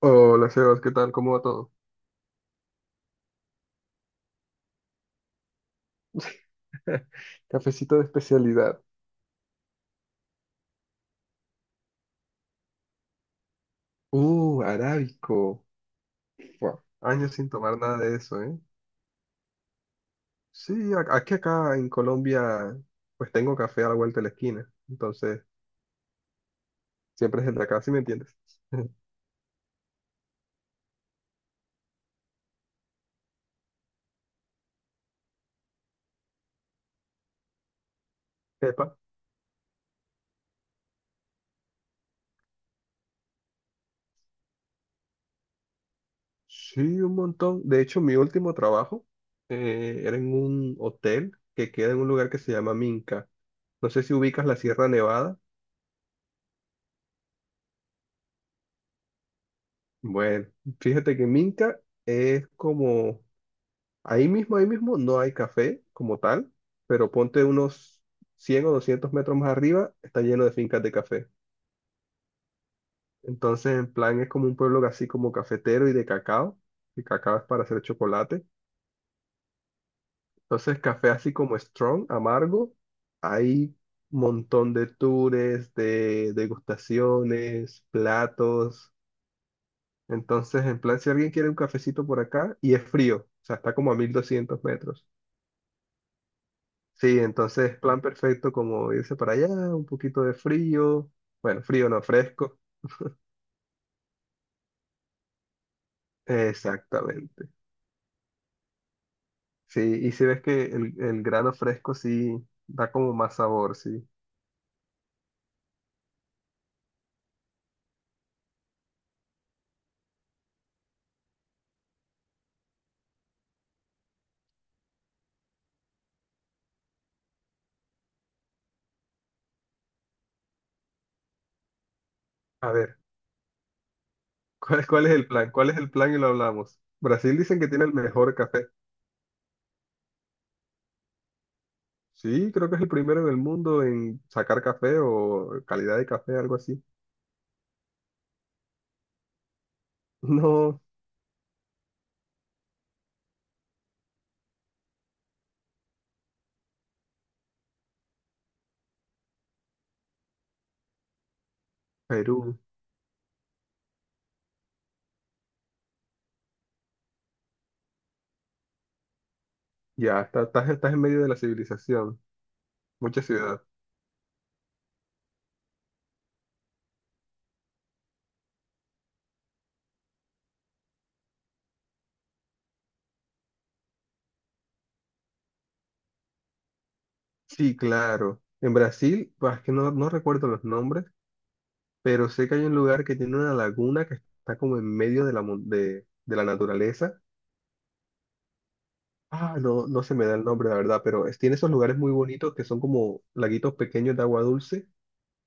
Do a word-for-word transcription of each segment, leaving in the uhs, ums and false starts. Hola, Sebas, ¿qué tal? ¿Cómo va todo? Cafecito de especialidad. Uh, arábico. Fua, años sin tomar nada de eso, ¿eh? Sí, a- aquí acá en Colombia, pues tengo café a la vuelta de la esquina. Entonces, siempre es el de acá, ¿sí me entiendes? Epa. Sí, un montón. De hecho, mi último trabajo eh, era en un hotel que queda en un lugar que se llama Minca. No sé si ubicas la Sierra Nevada. Bueno, fíjate que Minca es como ahí mismo, ahí mismo, no hay café como tal, pero ponte unos cien o doscientos metros más arriba, está lleno de fincas de café. Entonces, en plan, es como un pueblo así como cafetero y de cacao. El cacao es para hacer chocolate. Entonces, café así como strong, amargo. Hay un montón de tours, de degustaciones, platos. Entonces, en plan, si alguien quiere un cafecito por acá, y es frío, o sea, está como a mil doscientos metros. Sí, entonces plan perfecto como irse para allá, un poquito de frío, bueno, frío no fresco, exactamente. Sí, y si ves que el, el grano fresco sí da como más sabor, sí. A ver, ¿cuál, cuál es el plan? ¿Cuál es el plan y lo hablamos? Brasil dicen que tiene el mejor café. Sí, creo que es el primero en el mundo en sacar café o calidad de café, algo así. No, Perú, ya, está- estás, estás en medio de la civilización, muchas ciudades. Sí, claro. En Brasil, pues, es que no, no recuerdo los nombres, pero sé que hay un lugar que tiene una laguna que está como en medio de la, mon- de, de la naturaleza. Ah, no, no se me da el nombre, la verdad, pero es- tiene esos lugares muy bonitos que son como laguitos pequeños de agua dulce,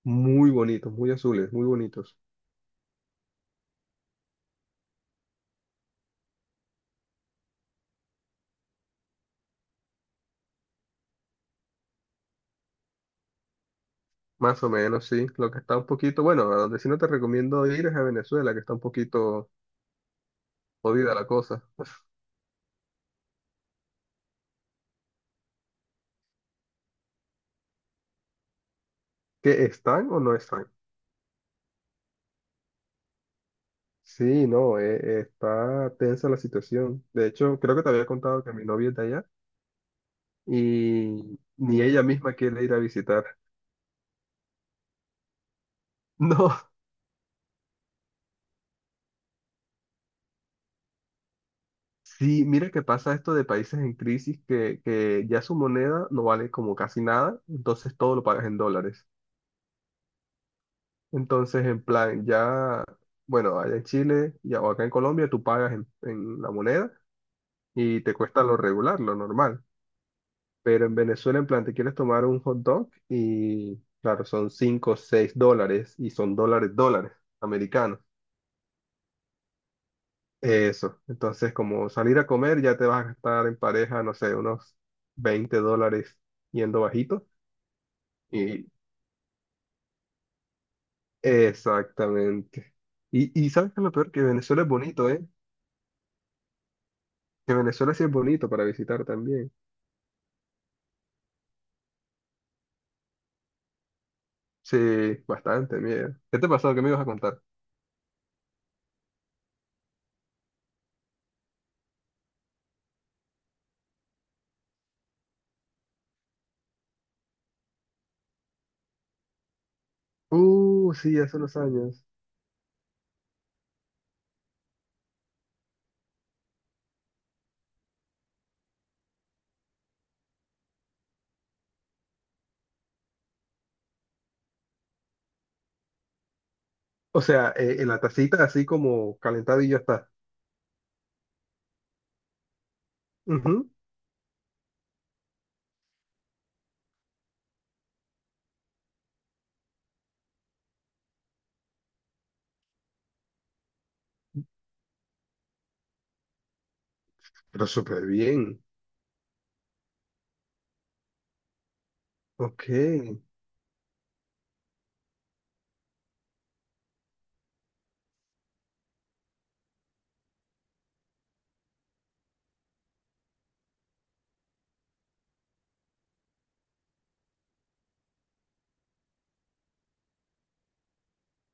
muy bonitos, muy azules, muy bonitos. Más o menos, sí. Lo que está un poquito, bueno, a donde sí no te recomiendo ir es a Venezuela, que está un poquito jodida la cosa. ¿Que están o no están? Sí, no, eh, está tensa la situación. De hecho, creo que te había contado que mi novia es de allá y ni ella misma quiere ir a visitar. No, sí, mira que pasa esto de países en crisis que, que ya su moneda no vale como casi nada, entonces todo lo pagas en dólares. Entonces, en plan, ya, bueno, allá en Chile ya, o acá en Colombia tú pagas en, en la moneda y te cuesta lo regular, lo normal. Pero en Venezuela, en plan, te quieres tomar un hot dog y, claro, son cinco o seis dólares y son dólares, dólares americanos. Eso. Entonces, como salir a comer, ya te vas a gastar en pareja, no sé, unos veinte dólares yendo bajito. Y exactamente. Y, y ¿sabes qué es lo peor? Que Venezuela es bonito, ¿eh? Que Venezuela sí es bonito para visitar también. Sí, bastante, mira. ¿Qué te pasó? ¿Qué me ibas a contar? Uh, sí, hace unos años. O sea, eh, en la tacita así como calentado y ya está. Ujú. Pero súper bien. Ok.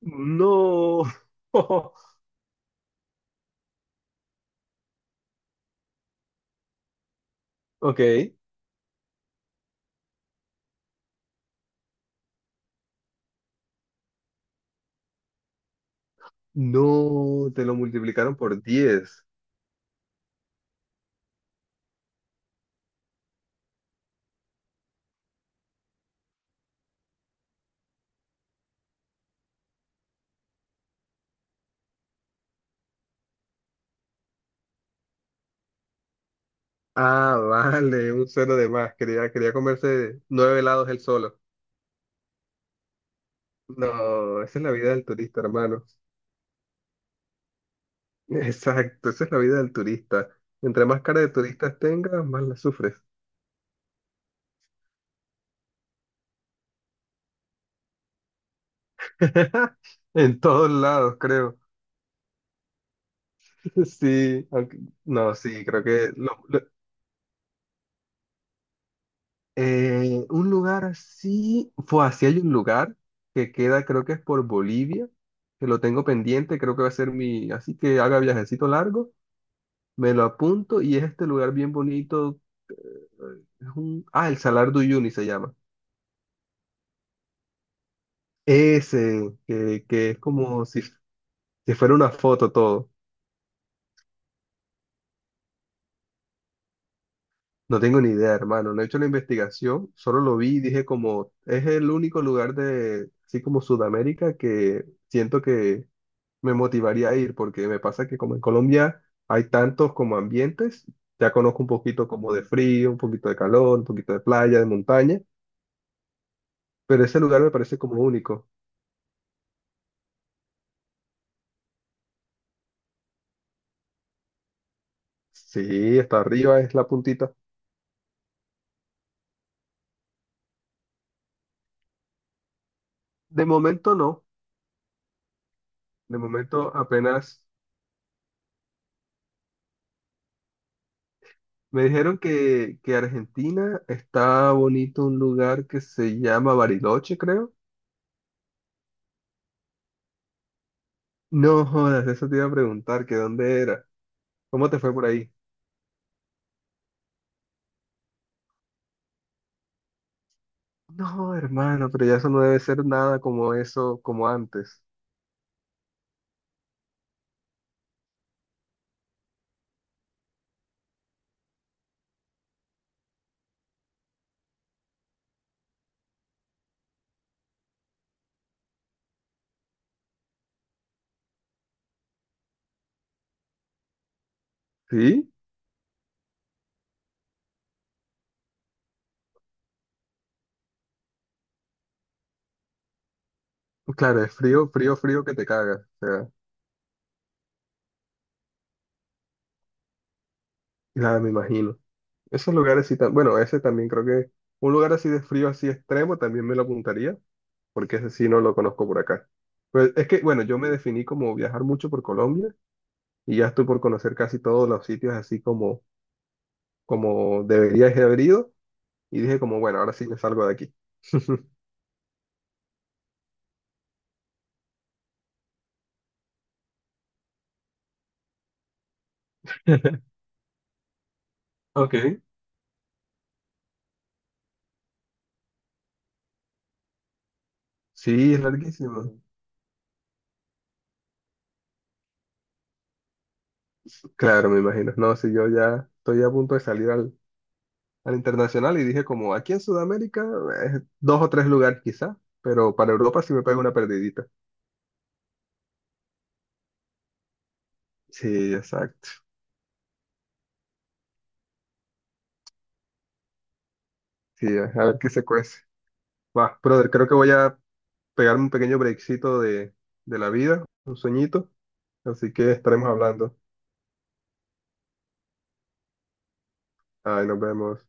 No. Ok. No, te lo multiplicaron por diez. Ah, vale, un cero de más. Quería, quería comerse nueve helados él solo. No, esa es la vida del turista, hermano. Exacto, esa es la vida del turista. Entre más cara de turistas tengas, más la sufres. En todos lados, creo. Sí, aunque- no, sí, creo que lo- Eh, un lugar así, fue así hay un lugar que queda, creo que es por Bolivia, que lo tengo pendiente, creo que va a ser mi, así que haga viajecito largo, me lo apunto y es este lugar bien bonito, eh, es un, ah, el Salar de Uyuni se llama. Ese, que, que es como si, si fuera una foto todo. No tengo ni idea, hermano, no he hecho la investigación, solo lo vi y dije como, es el único lugar de, así como Sudamérica que siento que me motivaría a ir, porque me pasa que como en Colombia hay tantos como ambientes, ya conozco un poquito como de frío, un poquito de calor, un poquito de playa, de montaña, pero ese lugar me parece como único. Sí, hasta arriba es la puntita. De momento no, de momento apenas me dijeron que, que Argentina está bonito un lugar que se llama Bariloche, creo. No jodas, eso te iba a preguntar, que dónde era. ¿Cómo te fue por ahí? No, hermano, pero ya eso no debe ser nada como eso, como antes. Sí, pues claro, es frío, frío, frío que te cagas. O sea, nada, me imagino. Esos lugares sí, tam- bueno, ese también creo que un lugar así de frío, así extremo, también me lo apuntaría, porque ese sí no lo conozco por acá. Pues es que, bueno, yo me definí como viajar mucho por Colombia y ya estoy por conocer casi todos los sitios así como, como debería haber ido y dije como, bueno, ahora sí me salgo de aquí. Ok. Sí, es larguísimo. Claro, me imagino. No, si yo ya estoy a punto de salir al, al internacional y dije como aquí en Sudamérica, eh, dos o tres lugares quizá, pero para Europa sí me pego una perdidita. Sí, exacto. Sí, a ver qué se cuece. Va, brother, creo que voy a pegarme un pequeño breakcito de, de la vida, un sueñito, así que estaremos hablando. Ahí nos vemos.